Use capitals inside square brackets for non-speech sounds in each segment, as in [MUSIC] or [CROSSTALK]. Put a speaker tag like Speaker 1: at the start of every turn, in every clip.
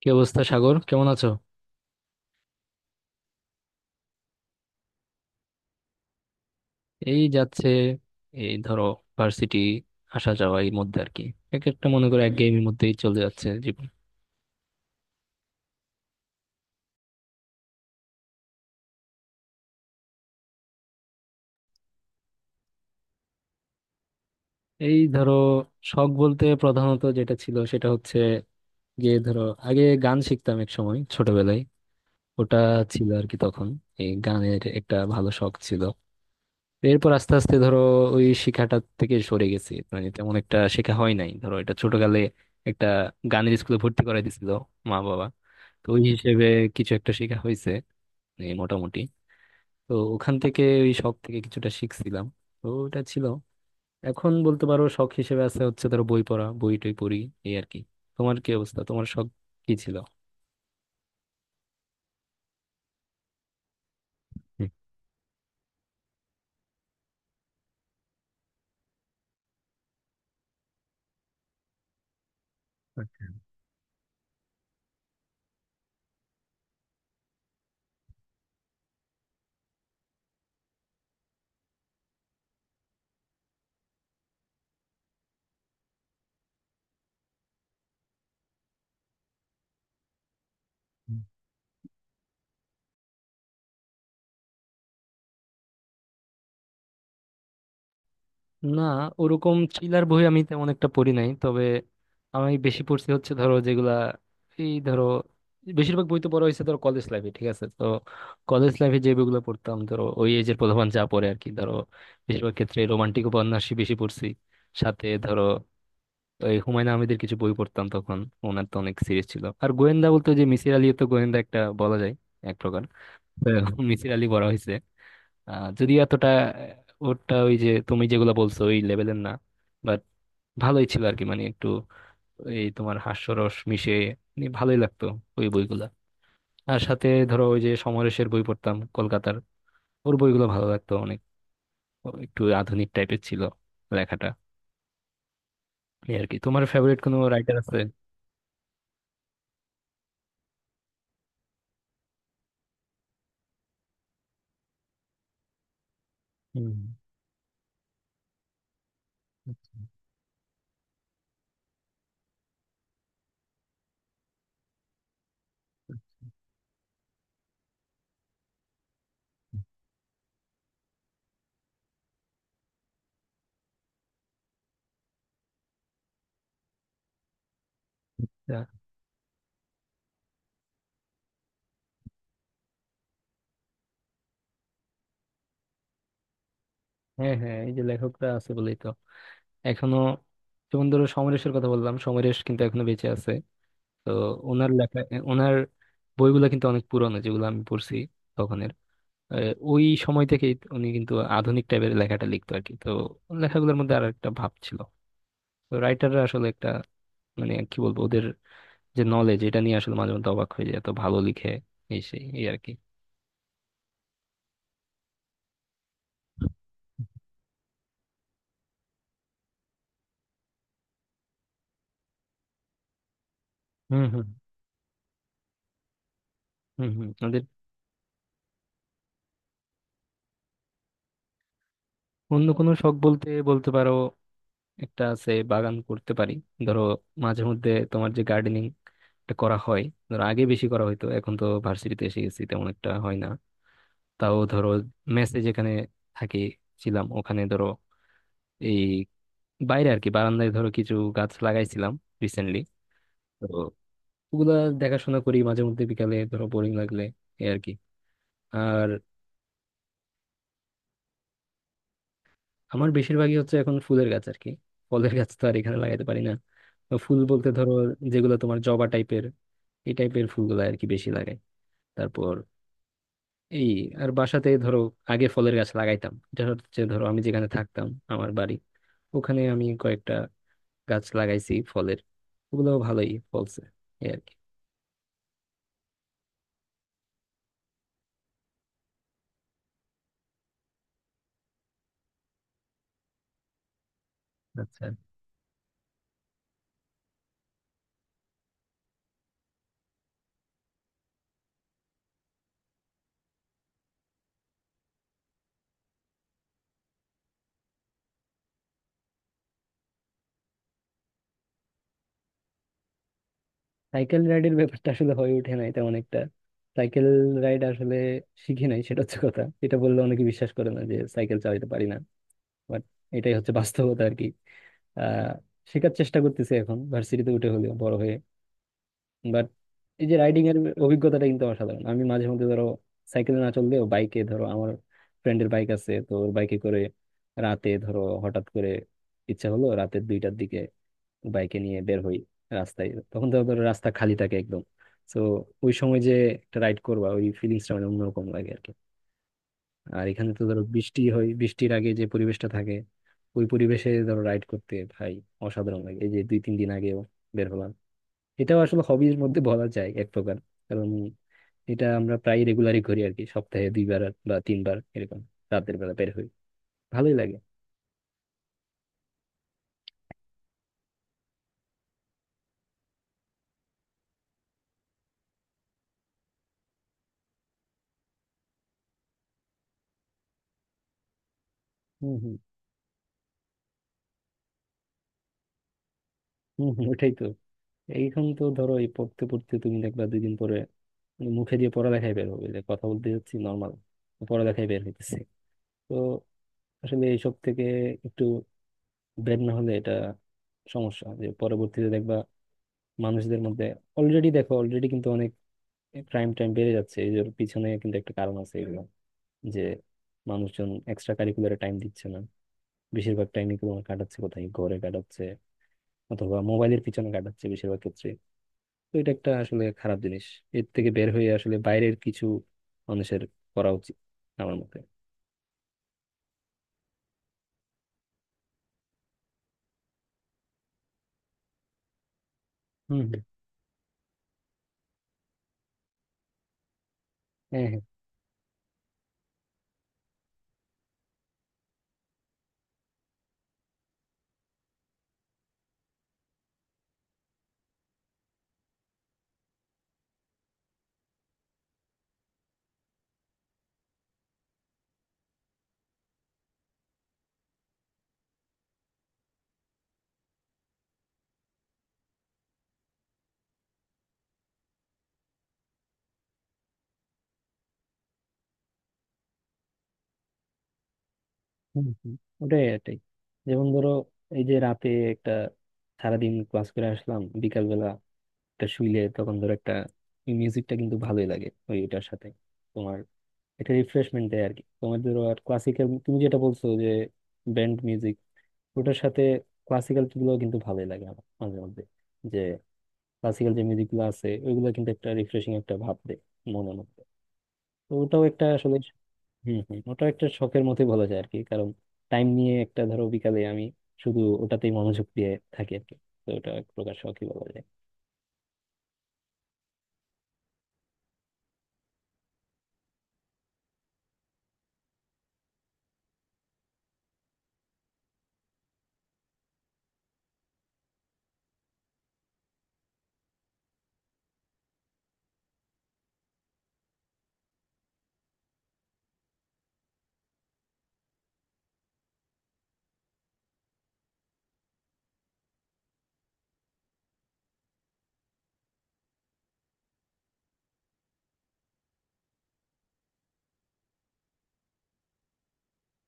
Speaker 1: কি অবস্থা সাগর? কেমন আছো? এই যাচ্ছে, এই ধরো ভার্সিটি আসা যাওয়া এর মধ্যে আর কি। এক একটা মনে করো এক গেমের মধ্যেই চলে যাচ্ছে জীবন। এই ধরো শখ বলতে প্রধানত যেটা ছিল সেটা হচ্ছে গিয়ে ধরো, আগে গান শিখতাম এক সময় ছোটবেলায়, ওটা ছিল আর কি তখন। এই গানের একটা ভালো শখ ছিল। এরপর আস্তে আস্তে ধরো ওই শিখাটা থেকে সরে গেছি, মানে তেমন একটা শেখা হয় নাই, ধরো এটা ছোটকালে একটা গানের স্কুলে ভর্তি করাই দিছিল মা বাবা। তো ওই হিসেবে কিছু একটা শেখা হয়েছে, এই মোটামুটি। তো ওখান থেকে ওই শখ থেকে কিছুটা শিখছিলাম, তো ওটা ছিল। এখন বলতে পারো শখ হিসেবে আছে হচ্ছে ধরো বই পড়া, বই টই পড়ি এই আর কি। তোমার কি অবস্থা? তোমার শখ কি ছিল? হুম। না, ওরকম থ্রিলার বই আমি তেমন একটা পড়ি নাই, তবে আমি বেশি পড়ছি হচ্ছে ধরো যেগুলা, এই ধরো বেশিরভাগ বই তো পড়া হয়েছে ধরো কলেজ লাইফে, ঠিক আছে? তো কলেজ লাইফে যে বইগুলো পড়তাম ধরো ওই এজের পোলাপান যা পড়ে আর কি, ধরো বেশিরভাগ ক্ষেত্রে রোমান্টিক উপন্যাসই বেশি পড়ছি। সাথে ধরো এই হুমায়ুন আহমেদের কিছু বই পড়তাম তখন। ওনার তো অনেক সিরিজ ছিল, আর গোয়েন্দা বলতে ওই যে মিসির আলী, তো গোয়েন্দা একটা বলা যায় এক প্রকার। তো মিসির আলী পড়া হয়েছে। যদিও এতটা ওরটা ওই যে তুমি যেগুলো বলছো ওই লেভেলের না, বাট ভালোই ছিল আর কি, মানে একটু এই তোমার হাস্যরস মিশে, মানে ভালোই লাগতো ওই বইগুলা। আর সাথে ধরো ওই যে সমরেশের বই পড়তাম কলকাতার, ওর বইগুলো ভালো লাগতো অনেক। ও একটু আধুনিক টাইপের ছিল লেখাটা। এই আর কি, তোমার ফেভারিট কোনো রাইটার আছে? হুম, আচ্ছা, আচ্ছা। হ্যাঁ হ্যাঁ, এই যে লেখকরা আছে বলেই তো এখনো। যেমন ধরো সমরেশের কথা বললাম, সমরেশ কিন্তু এখনো বেঁচে আছে। তো ওনার লেখা, ওনার বইগুলো কিন্তু অনেক পুরনো যেগুলো আমি পড়ছি তখনের। ওই সময় থেকেই উনি কিন্তু আধুনিক টাইপের লেখাটা লিখতো আর কি। তো ওর লেখাগুলোর মধ্যে আর একটা ভাব ছিল। তো রাইটাররা আসলে একটা, মানে কি বলবো, ওদের যে নলেজ এটা নিয়ে আসলে মাঝে মধ্যে অবাক হয়ে যায়, এত ভালো লিখে, এই সেই এই আর কি। হুম হুম, হুম হুম ওদের। অন্য কোনো শখ বলতে বলতে পারো একটা আছে, বাগান করতে পারি ধরো মাঝে মধ্যে, তোমার যে গার্ডেনিং করা হয় ধরো, আগে বেশি করা হইতো, এখন তো ভার্সিটিতে এসে গেছি তেমন একটা হয় না। তাও ধরো মেসে যেখানে থাকি, ছিলাম ওখানে, ধরো এই বাইরে আর কি বারান্দায় ধরো কিছু গাছ লাগাইছিলাম রিসেন্টলি। তো ওগুলা দেখাশোনা করি মাঝে মধ্যে বিকালে, ধরো বোরিং লাগলে, এই আর কি। আমার বেশিরভাগই হচ্ছে এখন ফুলের গাছ আর কি, ফলের গাছ তো আর এখানে লাগাইতে পারি না। তো ফুল বলতে ধরো যেগুলো তোমার জবা টাইপের, এই টাইপের ফুলগুলো আর কি বেশি লাগাই। তারপর এই, আর বাসাতে ধরো আগে ফলের গাছ লাগাইতাম, এটা হচ্ছে ধরো আমি যেখানে থাকতাম, আমার বাড়ি, ওখানে আমি কয়েকটা গাছ লাগাইছি ফলের, ওগুলো ভালোই ফলছে এই আর কি। আচ্ছা। সাইকেল রাইডের ব্যাপারটা আসলে হয়ে ওঠে নাই তেমন একটা। সাইকেল রাইড আসলে শিখি নাই, সেটা হচ্ছে কথা। এটা বললে অনেকে বিশ্বাস করে না যে সাইকেল চালাতে পারি না, বাট এটাই হচ্ছে বাস্তবতা আর কি। আহ শেখার চেষ্টা করতেছি এখন ভার্সিটিতে উঠে হলেও, বড় হয়ে। বাট এই যে রাইডিং এর অভিজ্ঞতাটা কিন্তু অসাধারণ। আমি মাঝে মধ্যে ধরো সাইকেলে না চললেও বাইকে ধরো, আমার ফ্রেন্ডের বাইক আছে তো ওর বাইকে করে রাতে ধরো হঠাৎ করে ইচ্ছা হলো রাতের দুইটার দিকে বাইকে নিয়ে বের হই। রাস্তায় তখন তো ধরো রাস্তা খালি থাকে একদম। তো ওই সময় যে একটা রাইড করবা, ওই ফিলিংসটা মানে অন্যরকম লাগে আর কি। আর এখানে তো ধরো বৃষ্টি হয়, বৃষ্টির আগে যে পরিবেশটা থাকে ওই পরিবেশে ধরো রাইড করতে ভাই অসাধারণ লাগে। এই যে দুই তিন দিন আগেও বের হলাম। এটাও আসলে হবির মধ্যে বলা যায় এক প্রকার, কারণ এটা আমরা প্রায় রেগুলারই করি আর কি, সপ্তাহে দুইবার বা তিনবার এরকম রাতের বেলা বের হই, ভালোই লাগে। হম হম, হম হম, ওটাই তো। এইখান তো ধরো এই পড়তে পড়তে তুমি দেখবা দুই দিন পরে মুখে দিয়ে পড়ালেখায় বের হবে, যে কথা বলতে যাচ্ছি নর্মাল পড়ালেখায় বের হইতেছে। তো আসলে এইসব থেকে একটু ব্রেড না হলে এটা সমস্যা যে পরবর্তীতে দেখবা মানুষদের মধ্যে। অলরেডি দেখো, অলরেডি কিন্তু অনেক ক্রাইম টাইম বেড়ে যাচ্ছে, এই এর পিছনে কিন্তু একটা কারণ আছে এগুলো, যে মানুষজন এক্সট্রা কারিকুলারে টাইম দিচ্ছে না। বেশিরভাগ টাইমই তোমার কাটাচ্ছে কোথায়, ঘরে কাটাচ্ছে অথবা মোবাইলের পিছনে কাটাচ্ছে বেশিরভাগ ক্ষেত্রে। তো এটা একটা আসলে খারাপ জিনিস, এর থেকে বের হয়ে আসলে বাইরের কিছু মানুষের করা উচিত, আমার মতে। হম হম। হ্যাঁ হ্যাঁ। হুম, হুম, ওটাই এটাই। যেমন ধরো এই যে রাতে একটা, সারাদিন ক্লাস করে আসলাম বিকাল বেলা, একটা শুইলে তখন ধরো একটা মিউজিকটা কিন্তু ভালোই লাগে, ওই এটার সাথে তোমার, এটা রিফ্রেশমেন্ট দেয় আর কি তোমার। ধরো আর ক্লাসিক্যাল, তুমি যেটা বলছো যে ব্যান্ড মিউজিক, ওটার সাথে ক্লাসিক্যাল গুলো কিন্তু ভালোই লাগে আমার মাঝে মধ্যে। যে ক্লাসিক্যাল যে মিউজিক গুলো আছে ওইগুলো কিন্তু একটা রিফ্রেশিং একটা ভাব দেয় মনের মধ্যে। তো ওটাও একটা আসলে, হম হম, ওটা একটা শখের মতোই বলা যায় আর কি, কারণ টাইম নিয়ে একটা ধরো বিকালে আমি শুধু ওটাতেই মনোযোগ দিয়ে থাকি আর কি। তো ওটা এক প্রকার শখই বলা যায়।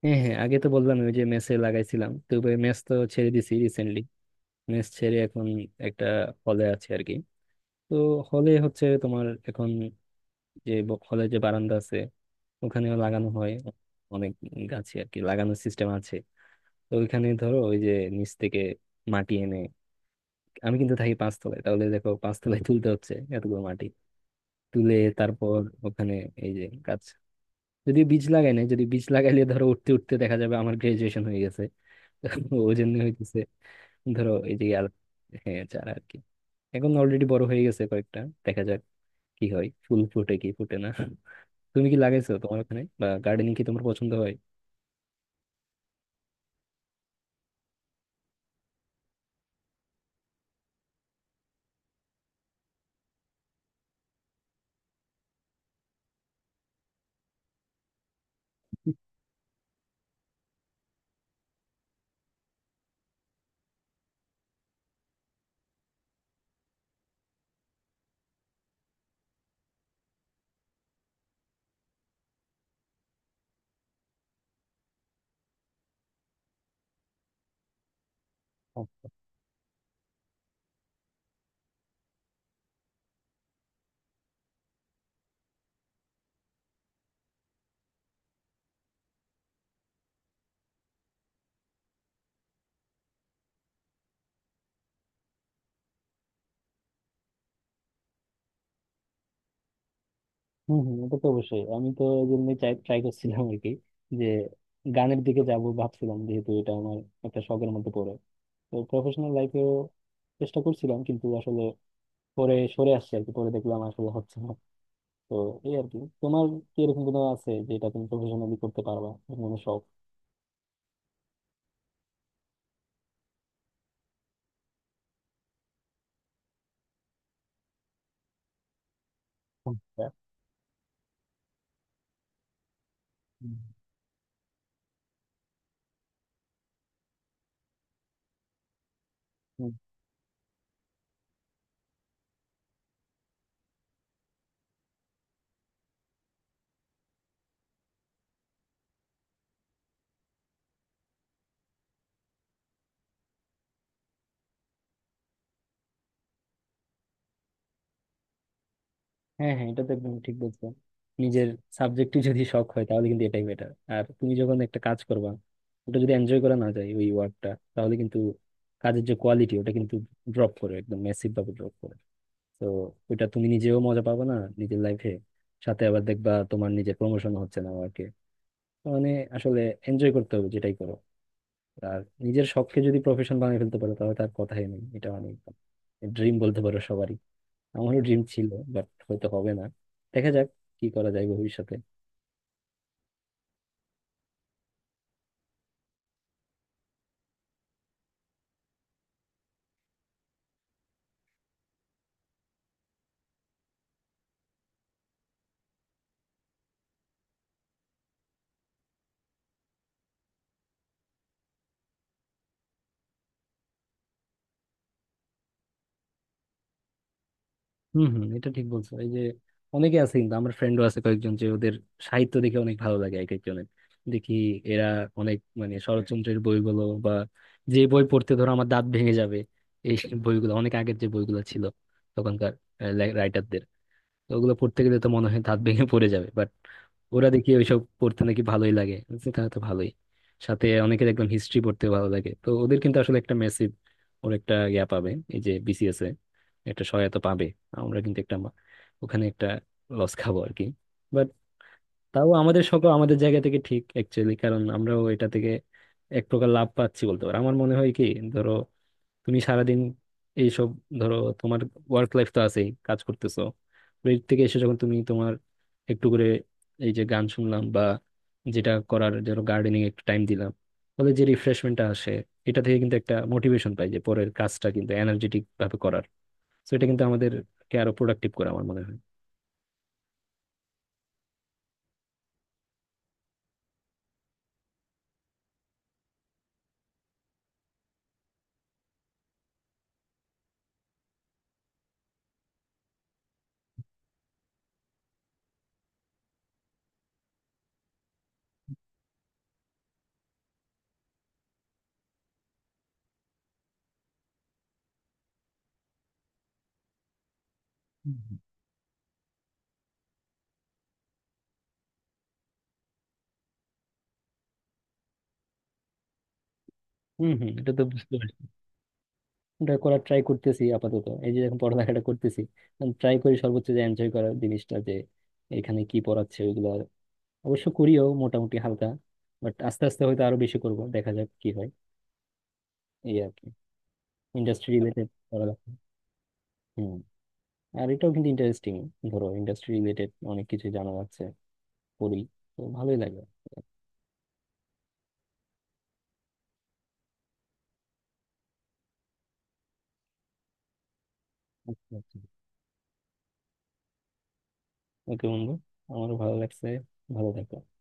Speaker 1: হ্যাঁ হ্যাঁ, আগে তো বললাম ওই যে মেসে লাগাইছিলাম তো, মেস তো ছেড়ে দিছি রিসেন্টলি। মেস ছেড়ে এখন একটা হলে আছে আর কি। তো হলে হচ্ছে তোমার এখন, যে হলে যে বারান্দা আছে ওখানেও লাগানো হয় অনেক গাছে আর কি, লাগানোর সিস্টেম আছে। তো ওইখানে ধরো ওই যে নিচ থেকে মাটি এনে, আমি কিন্তু থাকি পাঁচতলায়, তাহলে দেখো পাঁচতলায় তুলতে হচ্ছে এতগুলো মাটি তুলে তারপর ওখানে এই যে গাছ, যদি বীজ লাগাই না, যদি বীজ লাগাইলে ধরো উঠতে উঠতে দেখা যাবে আমার গ্রাজুয়েশন হয়ে গেছে [LAUGHS] ওই জন্য হইতেছে ধরো এই যে আর হ্যাঁ চারা আর কি, এখন অলরেডি বড় হয়ে গেছে কয়েকটা। দেখা যাক কি হয়, ফুল ফুটে কি ফুটে না। [LAUGHS] তুমি কি লাগাইছো তোমার ওখানে? বা গার্ডেনিং কি তোমার পছন্দ হয়? হম হম, ওটা তো অবশ্যই, আমি তো এই জন্যই চাই, ট্রাই করছিলাম আর কি, যে গানের দিকে যাব ভাবছিলাম যেহেতু এটা আমার একটা শখের মধ্যে পড়ে। তো প্রফেশনাল লাইফেও চেষ্টা করছিলাম, কিন্তু আসলে পরে সরে আসছে আর কি, পরে দেখলাম আসলে হচ্ছে না। তো এই আর কি, তোমার কি এরকম কোনো আছে যেটা তুমি প্রফেশনালি করতে পারবা, এরকম কোনো শখ? আচ্ছা। হুম, হুম। হ্যাঁ হ্যাঁ, এটা তো একদম ঠিক বলছো। নিজের সাবজেক্টই যদি শখ হয় তাহলে কিন্তু এটাই বেটার। আর তুমি যখন একটা কাজ করবা, ওটা যদি এনজয় করা না যায় ওই ওয়ার্কটা, তাহলে কিন্তু কাজের যে কোয়ালিটি, ওটা কিন্তু ড্রপ করে, একদম ম্যাসিভ ভাবে ড্রপ করে। তো ওটা তুমি নিজেও মজা পাবে না নিজের লাইফে, সাথে আবার দেখবা তোমার নিজের প্রমোশন হচ্ছে না ওয়ার্কে। মানে আসলে এনজয় করতে হবে যেটাই করো। আর নিজের শখকে যদি প্রফেশন বানিয়ে ফেলতে পারো, তাহলে তার কথাই নেই, এটা অনেক ড্রিম বলতে পারো সবারই। আমারও ড্রিম ছিল, বাট হয়তো হবে না, দেখা যাক কি করা যায় ভবিষ্যতে। হম হম, এটা ঠিক বলছো। এই যে অনেকে আছে, কিন্তু আমার ফ্রেন্ডও আছে কয়েকজন, যে ওদের সাহিত্য দেখে অনেক ভালো লাগে এক একজনের। দেখি এরা অনেক মানে শরৎচন্দ্রের বইগুলো বা যে বই পড়তে ধরো আমার দাঁত ভেঙে যাবে, এই বইগুলো অনেক আগের, যে বইগুলো ছিল তখনকার রাইটারদের। তো ওগুলো পড়তে গেলে তো মনে হয় দাঁত ভেঙে পড়ে যাবে, বাট ওরা দেখি ওইসব পড়তে নাকি ভালোই লাগে। আমি বলছি, তাহলে তো ভালোই। সাথে অনেকে দেখলাম হিস্ট্রি পড়তে ভালো লাগে, তো ওদের কিন্তু আসলে একটা মেসিভ, ওর একটা ইয়া পাবে এই যে বিসিএস এ, একটা সহায়তা পাবে। আমরা কিন্তু একটা ওখানে একটা লস খাবো আর কি, বাট তাও আমাদের সকল আমাদের জায়গা থেকে ঠিক অ্যাকচুয়ালি, কারণ আমরাও এটা থেকে এক প্রকার লাভ পাচ্ছি বলতে পারো। আমার মনে হয় কি, ধরো তুমি সারাদিন এইসব, ধরো তোমার ওয়ার্ক লাইফ তো আছেই, কাজ করতেছো, ব্রেক থেকে এসে যখন তুমি তোমার একটু করে এই যে গান শুনলাম বা যেটা করার ধরো গার্ডেনিং একটু টাইম দিলাম, ফলে যে রিফ্রেশমেন্টটা আসে, এটা থেকে কিন্তু একটা মোটিভেশন পাই যে পরের কাজটা কিন্তু এনার্জেটিক ভাবে করার। তো এটা কিন্তু আমাদেরকে আরো প্রোডাক্টিভ করে, আমার মনে হয়। হম হম, এটা তো বুঝতে পারছি। এটা করার ট্রাই করতেছি আপাতত, এই যে এখন পড়ালেখাটা করতেছি, ট্রাই করি সর্বোচ্চ যে এনজয় করার জিনিসটা, যে এখানে কি পড়াচ্ছে ওইগুলো অবশ্য করিও মোটামুটি হালকা, বাট আস্তে আস্তে হয়তো আরো বেশি করব, দেখা যাক কি হয় এই আর কি। ইন্ডাস্ট্রি রিলেটেড পড়ালেখা। হুম। আর এটাও কিন্তু ইন্টারেস্টিং, ধরো ইন্ডাস্ট্রি রিলেটেড অনেক কিছু জানা যাচ্ছে পড়ি, তো ভালোই লাগে। আচ্ছা আচ্ছা। ওকে বন্ধু, আমারও ভালো লাগছে। ভালো থাকো।